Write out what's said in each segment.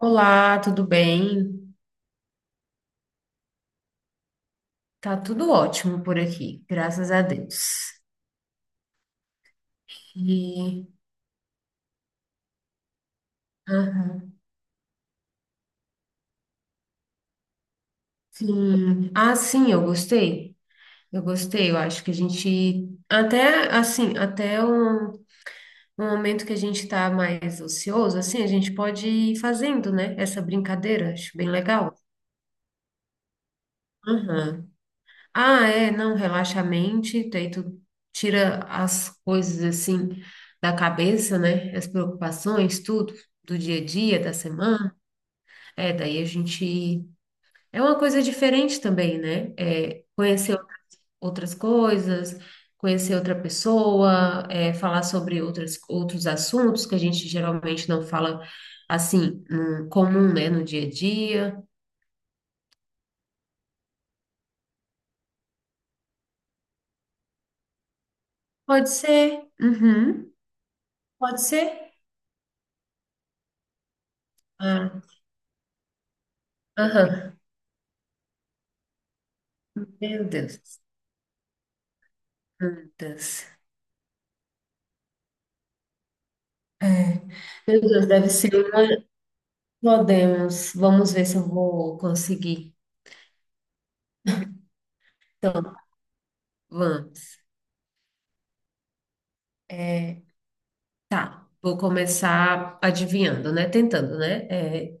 Olá, tudo bem? Tá tudo ótimo por aqui, graças a Deus. E, aham, sim. Ah, sim, eu gostei. Eu gostei, eu acho que a gente até assim, até um momento que a gente tá mais ocioso, assim, a gente pode ir fazendo, né? Essa brincadeira, acho bem legal. Aham. Ah, é, não, relaxa a mente, daí tu tira as coisas assim da cabeça, né? As preocupações, tudo, do dia a dia, da semana. É, daí a gente. É uma coisa diferente também, né? É, conhecer outras coisas, conhecer outra pessoa, é, falar sobre outros assuntos que a gente geralmente não fala assim, no comum, né? No dia a dia. Pode ser. Uhum. Pode ser. Ah, aham. Meu Deus. Plantas. É. Meu Deus, deve ser uma. Podemos. Vamos ver se eu vou conseguir. Então, vamos. É, tá. Vou começar adivinhando, né? Tentando, né? É,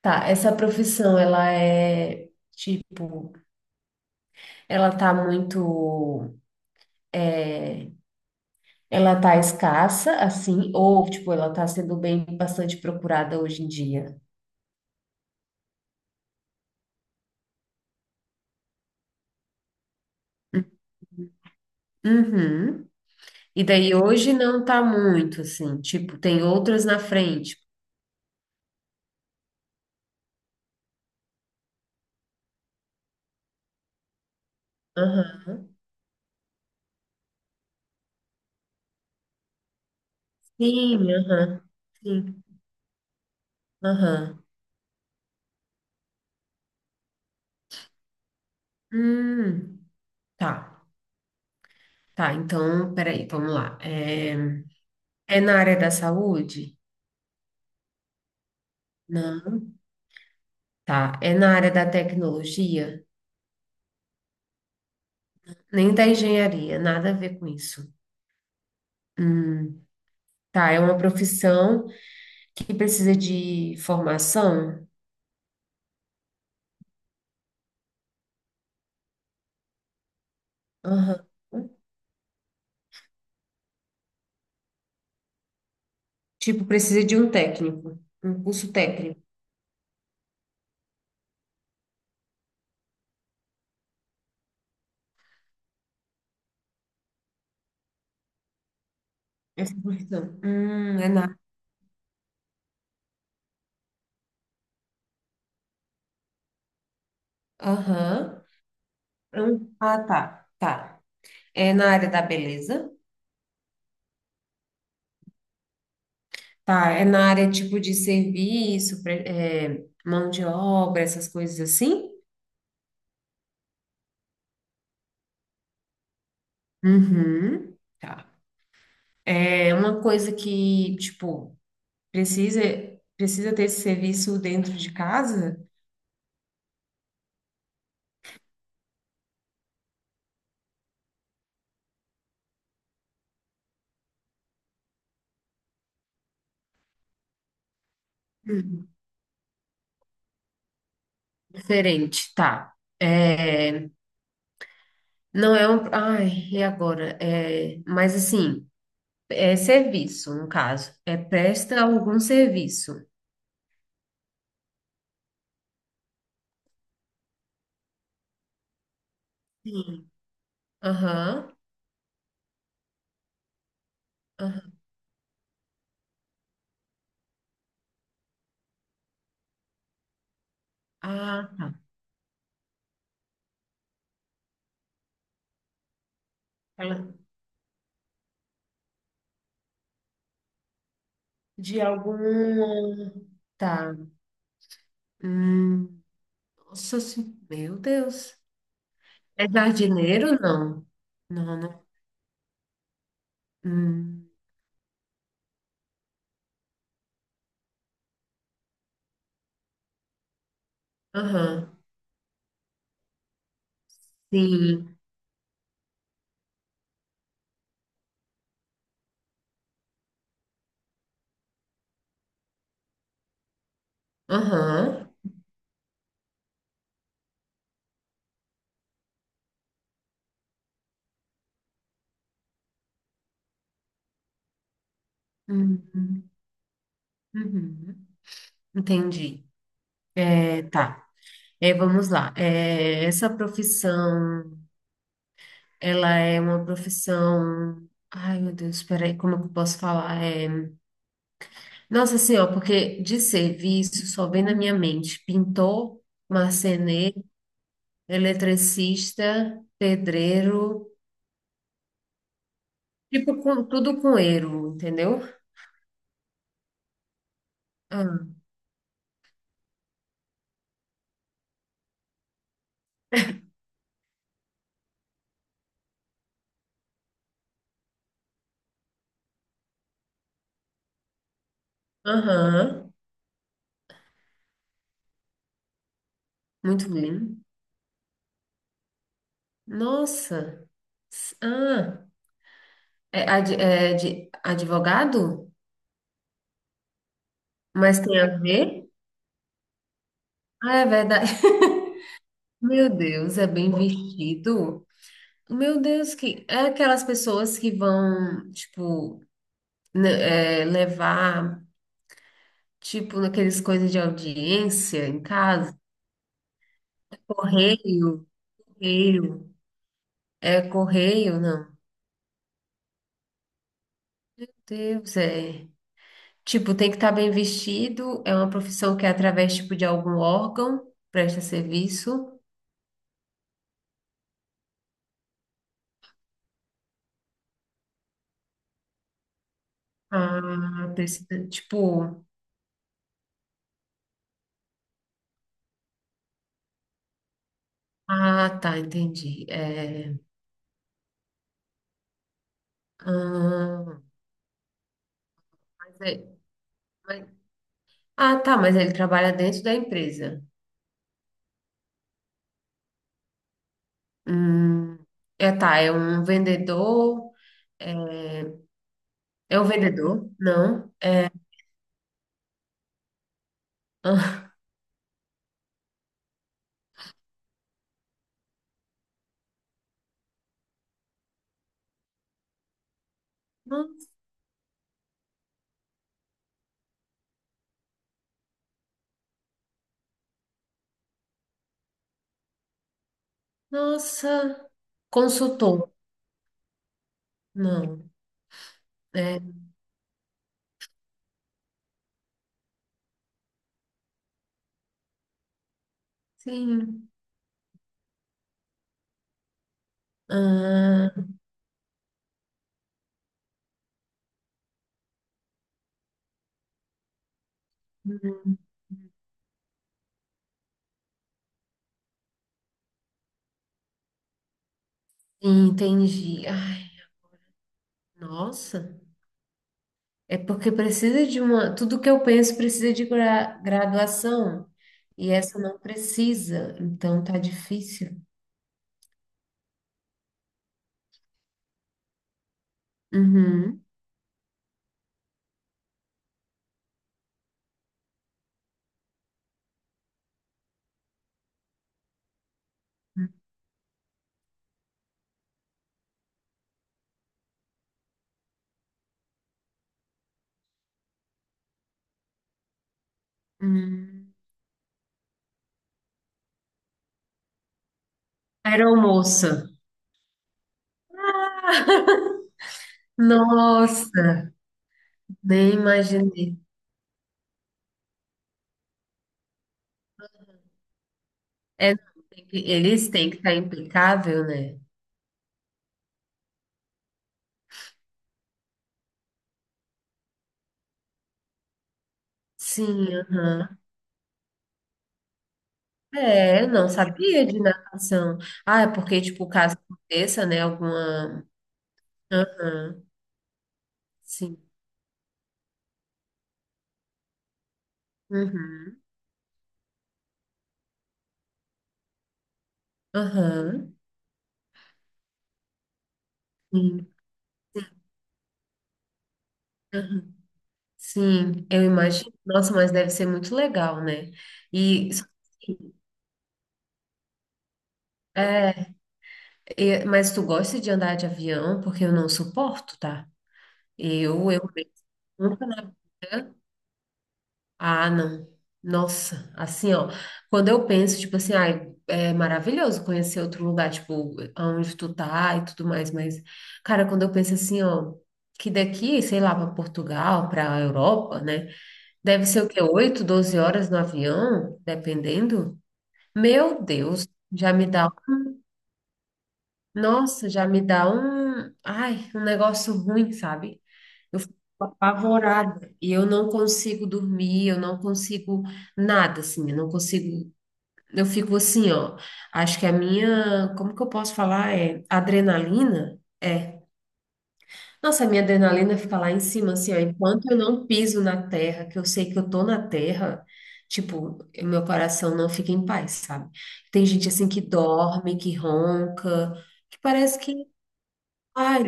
tá. Essa profissão, ela é tipo, ela tá muito, ela tá escassa, assim, ou tipo, ela tá sendo bem bastante procurada hoje em dia. Uhum. E daí hoje não tá muito, assim, tipo, tem outras na frente. Aham. Sim, aham. Sim, aham. Hum, tá. Tá, então, peraí, vamos lá. É, é na área da saúde? Não. Tá. É na área da tecnologia? Nem da engenharia, nada a ver com isso. Hum, tá, é uma profissão que precisa de formação? Aham. Tipo, precisa de um técnico, um curso técnico. Essa profissão. É na. Aham. Ah, tá. Tá. É na área da beleza? Tá, é na área tipo de serviço, mão de obra, essas coisas assim? Uhum. Tá. É uma coisa que, tipo, precisa, precisa ter esse serviço dentro de casa? Uhum. Diferente, tá. É, não é um. Ai, e agora? É, mas assim, é serviço, no caso. É presta algum serviço. Sim. Aham. Aham. Ah, tá. Ela- De algum. Tá. Hum, nossa, meu Deus. É jardineiro? Não. Não, não. Hum, aham. Sim. Aham. Uhum. Uhum. Entendi. É, tá. É, vamos lá. É, essa profissão, ela é uma profissão. Ai, meu Deus, peraí, como é que eu posso falar? É... Nossa Senhora, porque de serviço só vem na minha mente pintor, marceneiro, eletricista, pedreiro. Tipo, com, tudo com eiro entendeu? Ah, aham, muito bem. Nossa. S- ah, é, é de advogado? Mas tem a ver? Ah, é verdade. Meu Deus, é bem vestido. Meu Deus, que é aquelas pessoas que vão, tipo, ne- é, levar, tipo, naqueles coisas de audiência em casa. Correio, correio. É correio, não. Deus, é. Tipo, tem que estar bem vestido, é uma profissão que é através, tipo, de algum órgão, presta serviço. Ah, precisa, tipo... Ah, tá, entendi. É, ah, mas é- mas- ah, tá, mas ele trabalha dentro da empresa. Hum, é, tá, é um vendedor... É é um vendedor? Não. Ah, no- nossa, consultor? Não. É, sim. Ah, entendi. Ai, nossa. É porque precisa de uma. Tudo que eu penso precisa de graduação. E essa não precisa. Então tá difícil. Uhum. Hum. Aeromoça. Nossa, nem imaginei. É, eles têm que estar impecável, né? Sim, aham. É, eu não sabia de natação. Ah, é porque, tipo, caso aconteça, né? Alguma. Aham, sim. Uhum. Aham. Sim. Aham. Sim, eu imagino. Nossa, mas deve ser muito legal, né? E só que, é, e- mas tu gosta de andar de avião? Porque eu não suporto, tá? Eu mesmo nunca, né? Ah, não. Nossa, assim, ó, quando eu penso, tipo assim, ai, é maravilhoso conhecer outro lugar, tipo, aonde tu tá e tudo mais, mas, cara, quando eu penso assim, ó, que daqui, sei lá, para Portugal, para Europa, né? Deve ser o quê? 8 12 horas no avião, dependendo. Meu Deus, já me dá, nossa, já me dá um, ai, um negócio ruim, sabe? Eu fico apavorada e eu não consigo dormir, eu não consigo nada, assim, eu não consigo, eu fico assim, ó, acho que a minha, como que eu posso falar? É adrenalina? É, nossa, a minha adrenalina fica lá em cima, assim, ó, enquanto eu não piso na terra, que eu sei que eu tô na terra, tipo, o meu coração não fica em paz, sabe? Tem gente assim que dorme, que ronca, que parece que, ai,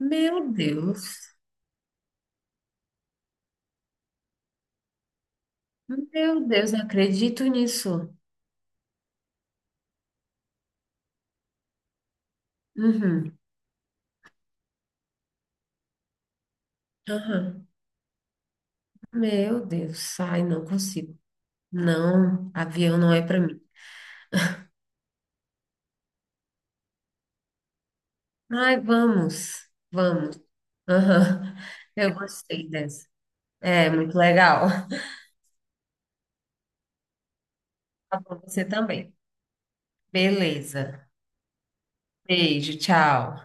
meu Deus, meu Deus, não acredito nisso. Uhum, aham. Meu Deus, ai, não consigo. Não, avião não é para mim. Ai, vamos, vamos. Aham, eu gostei dessa. É, muito legal. Com você também. Beleza. Beijo, tchau.